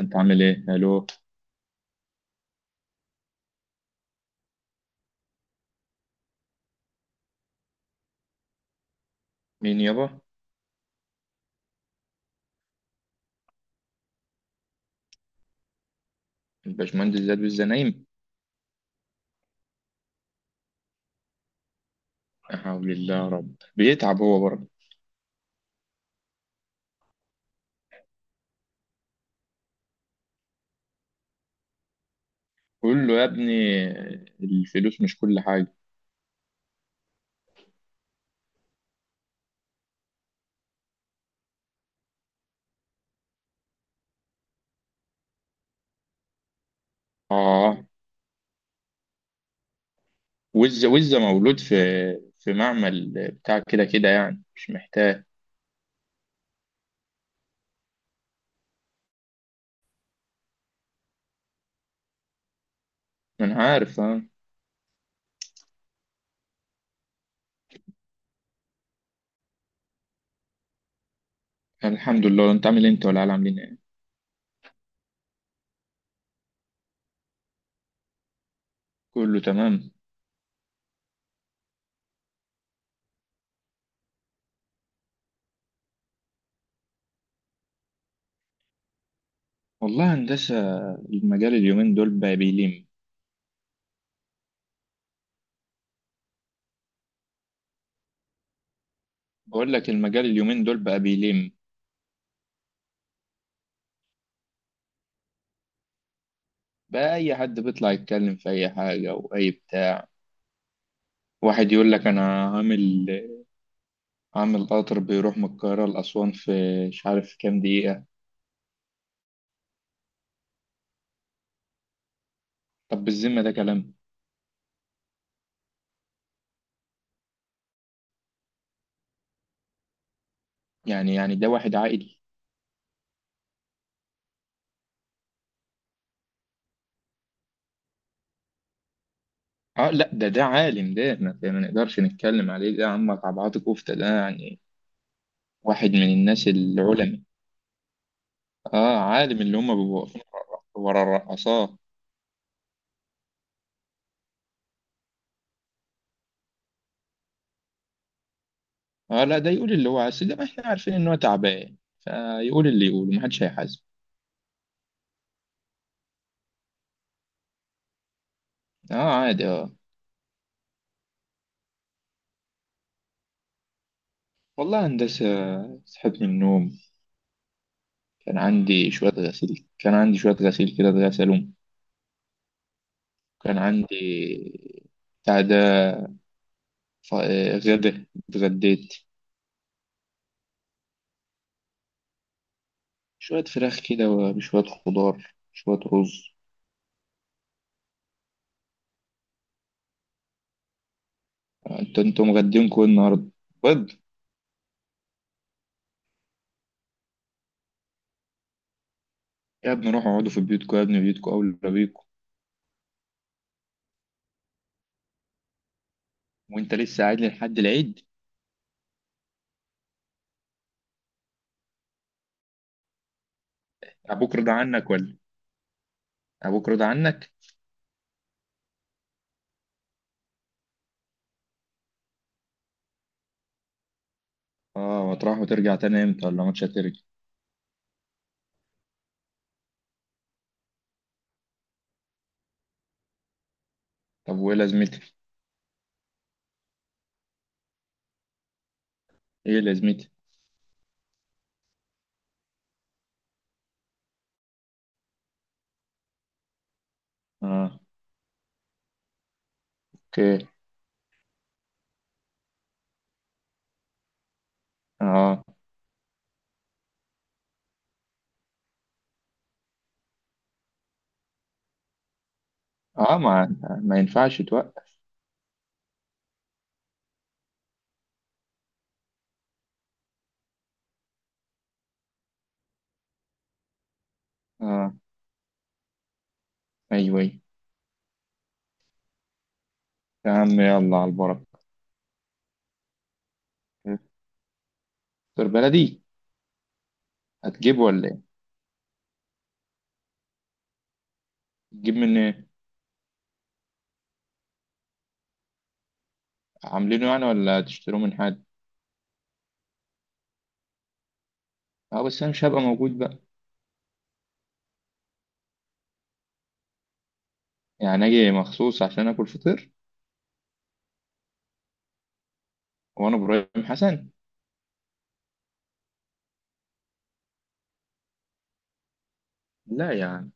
انت عامل ايه؟ الو؟ مين يابا؟ الباشمهندس زاد وزة نايم. لا حول الله يا رب، بيتعب هو برضه. قول له يا ابني الفلوس مش كل حاجه. اه وزة وزة مولود في في معمل بتاع كده، كده يعني مش محتاج. ما انا عارف الحمد لله، انت عامل إيه؟ انت ولا عاملين ايه؟ كله تمام. والله هندسه، المجال اليومين دول بقى بيلم. بقول لك المجال اليومين دول بقى بيلم. بقى اي حد بيطلع يتكلم في اي حاجه واي بتاع. واحد يقول لك انا هعمل هعمل قطر بيروح من القاهره لاسوان في مش عارف كام دقيقه. طب بالذمه ده كلام؟ يعني ده واحد عاقل؟ اه لا، ده عالم، ده ما نقدرش نتكلم عليه، ده عم طبعات كفته، ده يعني واحد من الناس العلماء. اه عالم، اللي هم بيبقوا واقفين ورا الرقاصات. اه لا، ده يقول اللي هو عايز، ده ما احنا عارفين ان هو تعبان فيقول اللي يقوله، ما حدش هيحاسبه. اه عادي والله هندسه، صحيت من النوم، كان عندي شوية غسيل كده، اتغسلهم. كان عندي بتاع ده، غدا اتغديت شوية فراخ كده، وشوية خضار، شوية رز. انتوا مغدينكوا ايه النهاردة؟ بيض؟ يا ابني روحوا اقعدوا في بيوتكم، يا ابني بيوتكم أولى بيكم. وانت لسه قاعد لي لحد العيد؟ ابوك رضى عنك ولا ابوك رضى عنك؟ اه هتروح وترجع تاني امتى ولا مش هترجع؟ طب وايه لازمتها؟ ايه لازمتها؟ اه اوكي. اه اه ما ينفعش توقف. اه ايوه، ايوه. يا عم يلا على البركه. دكتور بلدي. هتجيبه ولا ايه؟ تجيب من إيه؟ عاملينه يعني ولا تشتروه من حد؟ اه بس انا مش هبقى موجود بقى. يعني اجي مخصوص عشان اكل فطير؟ وانا ابراهيم حسن؟ لا يا عم،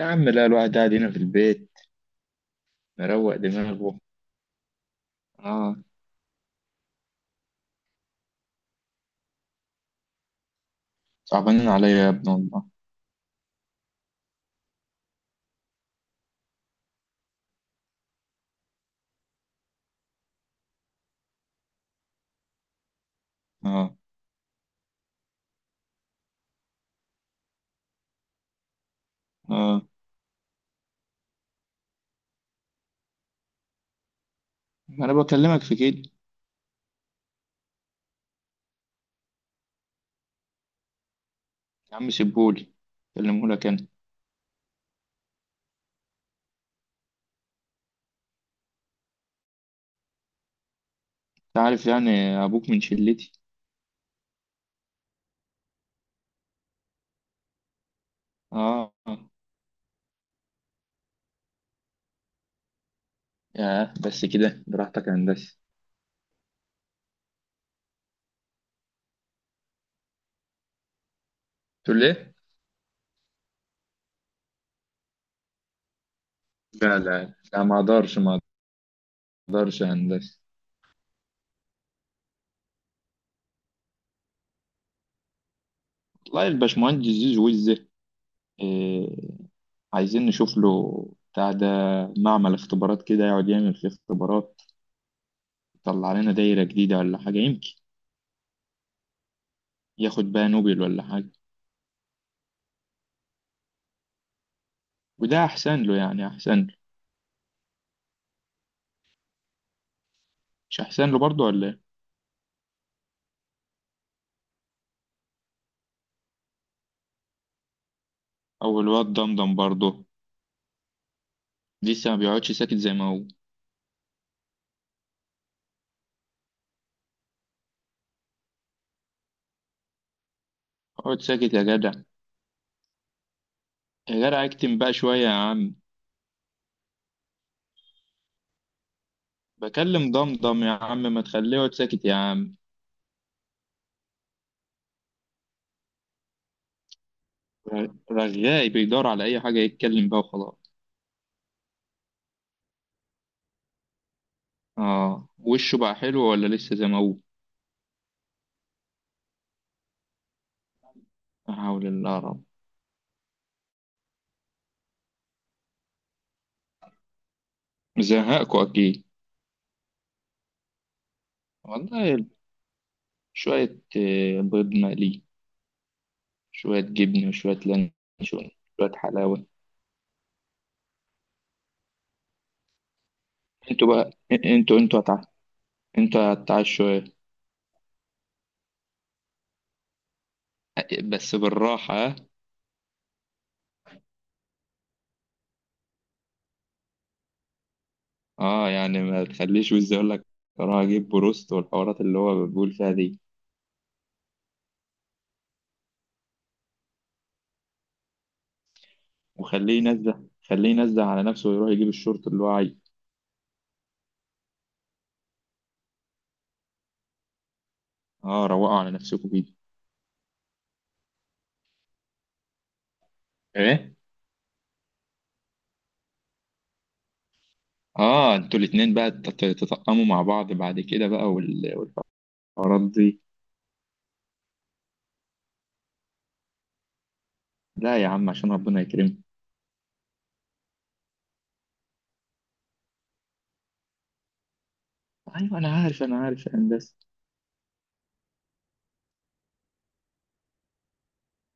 يا عم لا، الواحد قاعد هنا في البيت مروق دماغه. اه صعبانين عليا يا ابن الله. اه اه انا بكلمك في كده. يا عم سيبهولي، كلمهولك انا. انت عارف يعني، ابوك من شلتي. اه آه. ياه بس كده، براحتك يا هندسه. تقول ليه؟ لا لا لا، ما اقدرش يا هندسة. والله الباشمهندس زيزو وزة، إيه، عايزين نشوف له بتاع ده، معمل اختبارات كده يقعد يعمل فيه اختبارات، يطلع لنا دايرة جديدة ولا حاجة، يمكن ياخد بقى نوبل ولا حاجة. وده أحسن له، يعني أحسن له. مش أحسن له برضه ولا إيه؟ أو الواد دمدم برضه لسه ما بيقعدش ساكت زي ما هو. اقعد ساكت يا جدع، يا جدع اكتم بقى شوية يا عم. بكلم دمدم، يا عم ما تخليه يقعد ساكت يا عم. رغاي، بيدور على أي حاجة يتكلم بقى وخلاص. آه، وشه بقى حلو ولا لسه زي ما هو؟ لا حول الله رب. زهقكوا أكيد. والله شوية بيض مقلي، شوية جبنة، وشوية لانشون، شوية حلاوة. انتوا بقى، انتوا انتوا هتع... انتوا هتعشوا ايه؟ بس بالراحة ها؟ اه يعني ما تخليش وز يقول لك اروح اجيب بروست، والحوارات اللي هو بيقول فيها دي. وخليه ينزه، خليه ينزه على نفسه ويروح يجيب الشورت اللي هو عايزه. اه روقوا على نفسكم كده. ايه؟ اه، انتوا الاتنين بقى تتطقموا مع بعض بعد كده بقى، والحوارات دي. لا يا عم، عشان ربنا يكرمك. ايوه انا عارف، يا هندسه.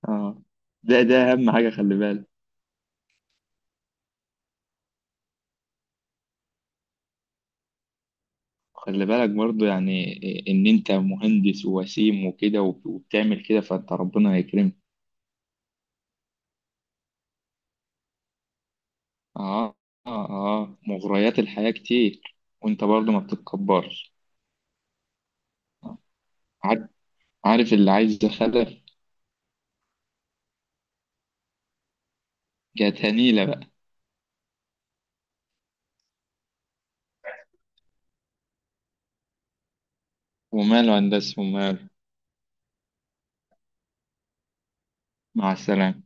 اه ده اهم حاجه، خلي بالك. خلي بالك برضو يعني، ان انت مهندس ووسيم وكده، وبتعمل كده، فانت ربنا هيكرمك. اه اه اه مغريات الحياه كتير، وانت برضو ما بتتكبرش. عار- عارف اللي عايز خلف؟ جات هنيله بقى. وماله يا هندسه، وماله. مع السلامه.